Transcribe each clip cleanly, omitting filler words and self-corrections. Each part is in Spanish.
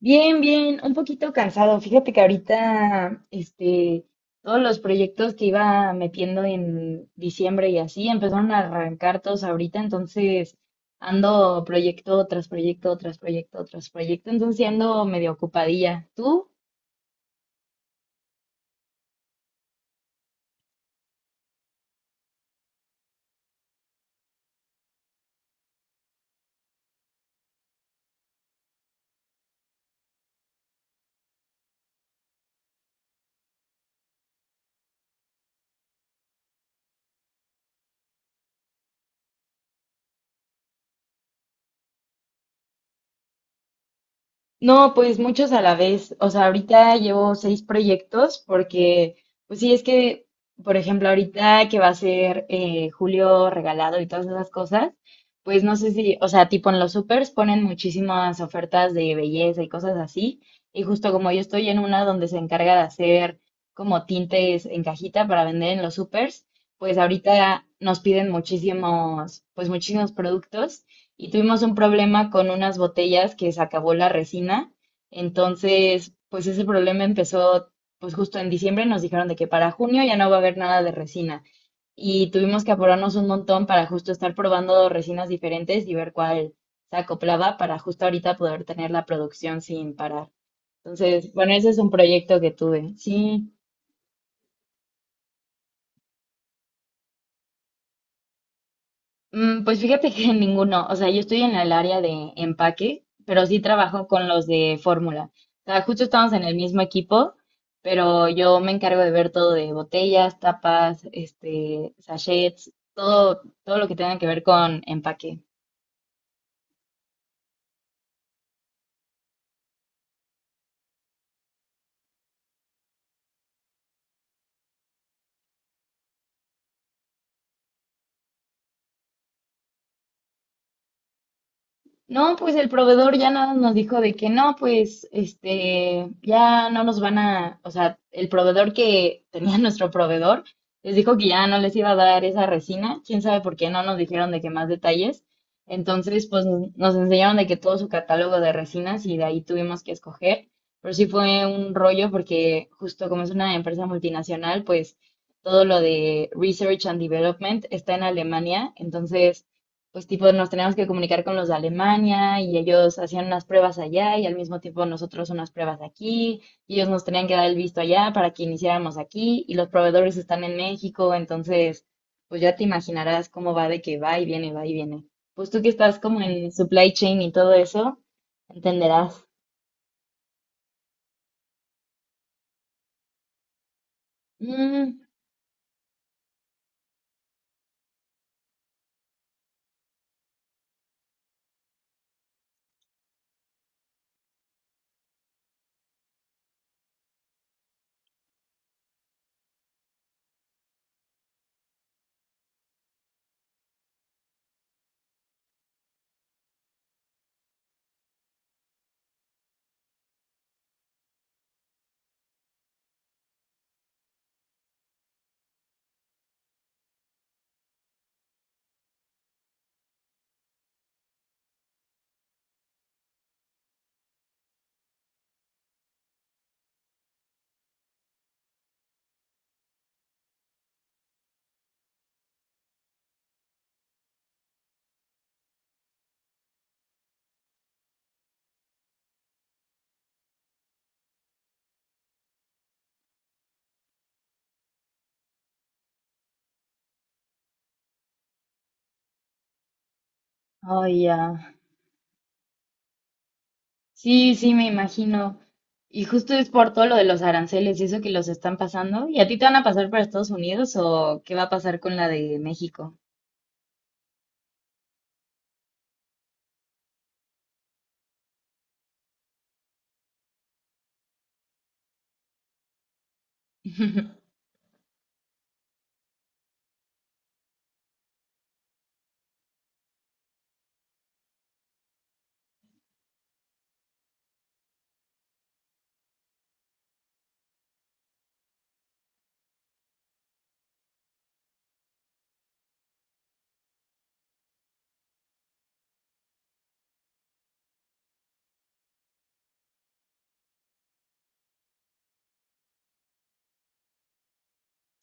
Bien, bien, un poquito cansado. Fíjate que ahorita, todos los proyectos que iba metiendo en diciembre y así empezaron a arrancar todos ahorita, entonces ando proyecto tras proyecto, tras proyecto, tras proyecto, entonces sí ando medio ocupadilla. ¿Tú? No, pues muchos a la vez. O sea, ahorita llevo seis proyectos porque, pues sí, es que, por ejemplo, ahorita que va a ser julio regalado y todas esas cosas, pues no sé si, o sea, tipo en los supers ponen muchísimas ofertas de belleza y cosas así. Y justo como yo estoy en una donde se encarga de hacer como tintes en cajita para vender en los supers, pues ahorita nos piden muchísimos, pues muchísimos productos y tuvimos un problema con unas botellas que se acabó la resina. Entonces, pues ese problema empezó pues justo en diciembre, nos dijeron de que para junio ya no va a haber nada de resina. Y tuvimos que apurarnos un montón para justo estar probando resinas diferentes y ver cuál se acoplaba para justo ahorita poder tener la producción sin parar. Entonces, bueno, ese es un proyecto que tuve. Sí. Pues fíjate que ninguno, o sea, yo estoy en el área de empaque, pero sí trabajo con los de fórmula. O sea, justo estamos en el mismo equipo, pero yo me encargo de ver todo de botellas, tapas, sachets, todo, todo lo que tenga que ver con empaque. No, pues el proveedor ya nada nos dijo de que no, ya no nos van a, o sea, el proveedor que tenía nuestro proveedor les dijo que ya no les iba a dar esa resina, quién sabe por qué no nos dijeron de qué más detalles. Entonces, pues nos enseñaron de que todo su catálogo de resinas y de ahí tuvimos que escoger, pero sí fue un rollo porque justo como es una empresa multinacional, pues todo lo de research and development está en Alemania, entonces pues tipo nos teníamos que comunicar con los de Alemania y ellos hacían unas pruebas allá y al mismo tiempo nosotros unas pruebas aquí y ellos nos tenían que dar el visto allá para que iniciáramos aquí y los proveedores están en México, entonces pues ya te imaginarás cómo va de que va y viene, va y viene. Pues tú que estás como en supply chain y todo eso, entenderás. Mm, oh, ya. Sí, sí, me imagino. Y justo es por todo lo de los aranceles y eso que los están pasando. ¿Y a ti te van a pasar para Estados Unidos o qué va a pasar con la de México?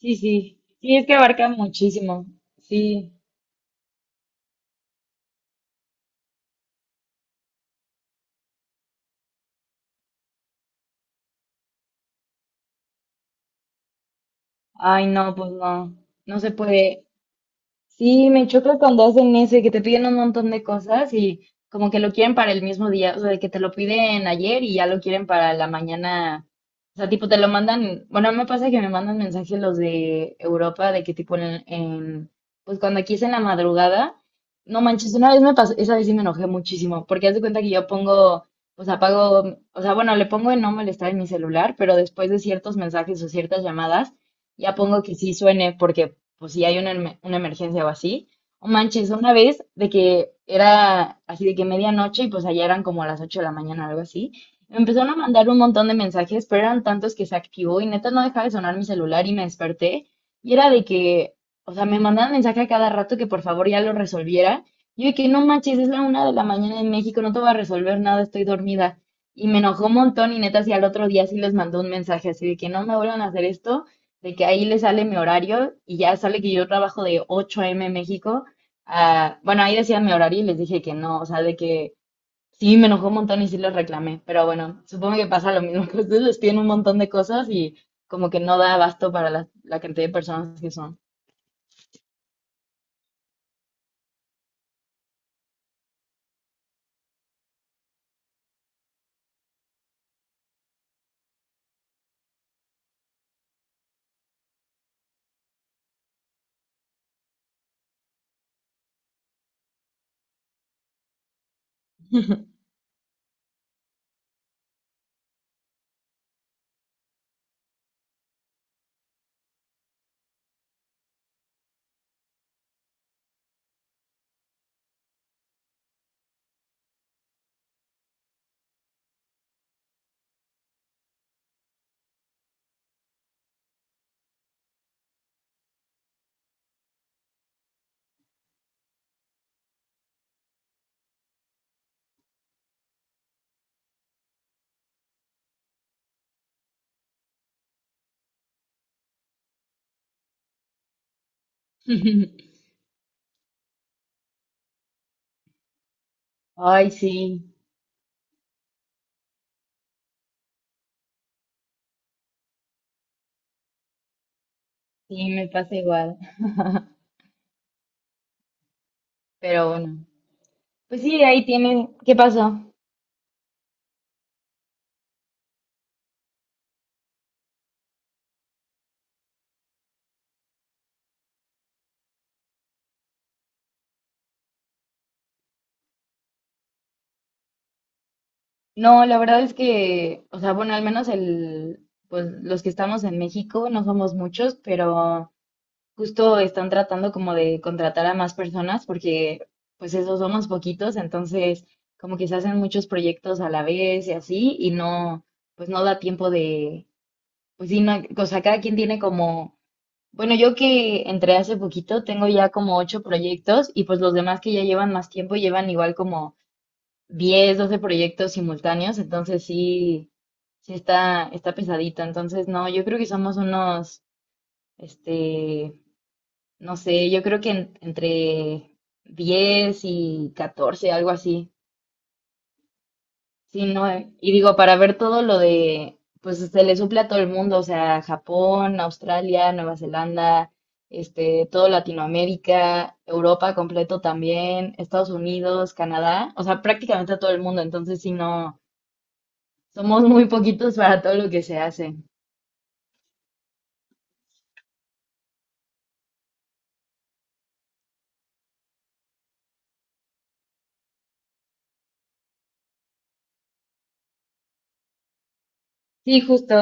Sí, sí, sí, es que abarca muchísimo. Sí, ay, no, pues no, no se puede. Sí, me choca cuando hacen eso y que te piden un montón de cosas y como que lo quieren para el mismo día, o sea, de que te lo piden ayer y ya lo quieren para la mañana. O sea, tipo, te lo mandan, bueno, me pasa que me mandan mensajes los de Europa de que tipo pues cuando aquí es en la madrugada, no manches, una vez me pasó, esa vez sí me enojé muchísimo, porque haz de cuenta que yo pongo, pues apago, o sea, bueno, le pongo en no molestar en mi celular, pero después de ciertos mensajes o ciertas llamadas, ya pongo que sí suene, porque pues si hay una, una emergencia o así. O manches, una vez de que era así de que medianoche y pues allá eran como las 8 de la mañana o algo así. Me empezaron a mandar un montón de mensajes, pero eran tantos que se activó y neta no dejaba de sonar mi celular y me desperté. Y era de que, o sea, me mandaban mensaje a cada rato que por favor ya lo resolviera. Yo de que no manches, es la 1 de la mañana en México, no te voy a resolver nada, estoy dormida. Y me enojó un montón y neta, si al otro día sí les mandó un mensaje así de que no me vuelvan a hacer esto de que ahí le sale mi horario y ya sale que yo trabajo de 8 a.m. México bueno, ahí decía mi horario y les dije que no, o sea, de que sí me enojó un montón y sí les reclamé, pero bueno, supongo que pasa lo mismo, que ustedes les piden un montón de cosas y como que no da abasto para la, la cantidad de personas que son. Ay, sí, sí, me pasa igual, pero bueno, pues sí, ahí tiene, ¿qué pasó? No, la verdad es que, o sea, bueno, al menos el, pues los que estamos en México no somos muchos, pero... Justo están tratando como de contratar a más personas porque pues esos somos poquitos, entonces como que se hacen muchos proyectos a la vez y así y no, pues no da tiempo de, pues sí, no, o sea, cada quien tiene como, bueno, yo que entré hace poquito tengo ya como ocho proyectos y pues los demás que ya llevan más tiempo llevan igual como 10 12 proyectos simultáneos, entonces sí, sí está, está pesadito, entonces no, yo creo que somos unos, este no sé, yo creo que entre 10 y 14 algo así. Sí, no, y digo, para ver todo lo de, pues se le suple a todo el mundo, o sea, Japón, Australia, Nueva Zelanda, todo Latinoamérica, Europa completo también, Estados Unidos, Canadá, o sea, prácticamente a todo el mundo, entonces sí, no, somos muy poquitos para todo lo que se hace. Sí, justo.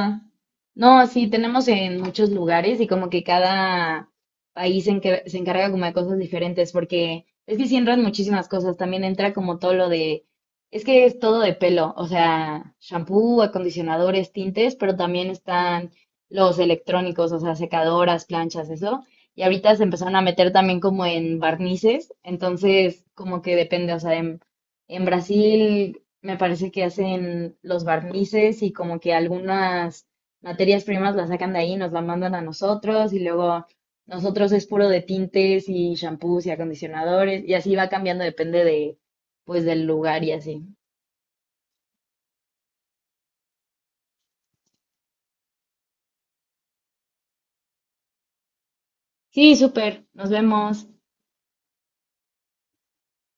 No, sí, tenemos en muchos lugares y como que cada país se encarga como de cosas diferentes, porque es que sí entran muchísimas cosas, también entra como todo lo de, es que es todo de pelo, o sea, shampoo, acondicionadores, tintes, pero también están los electrónicos, o sea, secadoras, planchas, eso. Y ahorita se empezaron a meter también como en barnices, entonces como que depende, o sea, en Brasil me parece que hacen los barnices y como que algunas materias primas las sacan de ahí, nos las mandan a nosotros y luego nosotros es puro de tintes y shampoos y acondicionadores y así va cambiando, depende de pues del lugar y así. Sí, súper, nos vemos.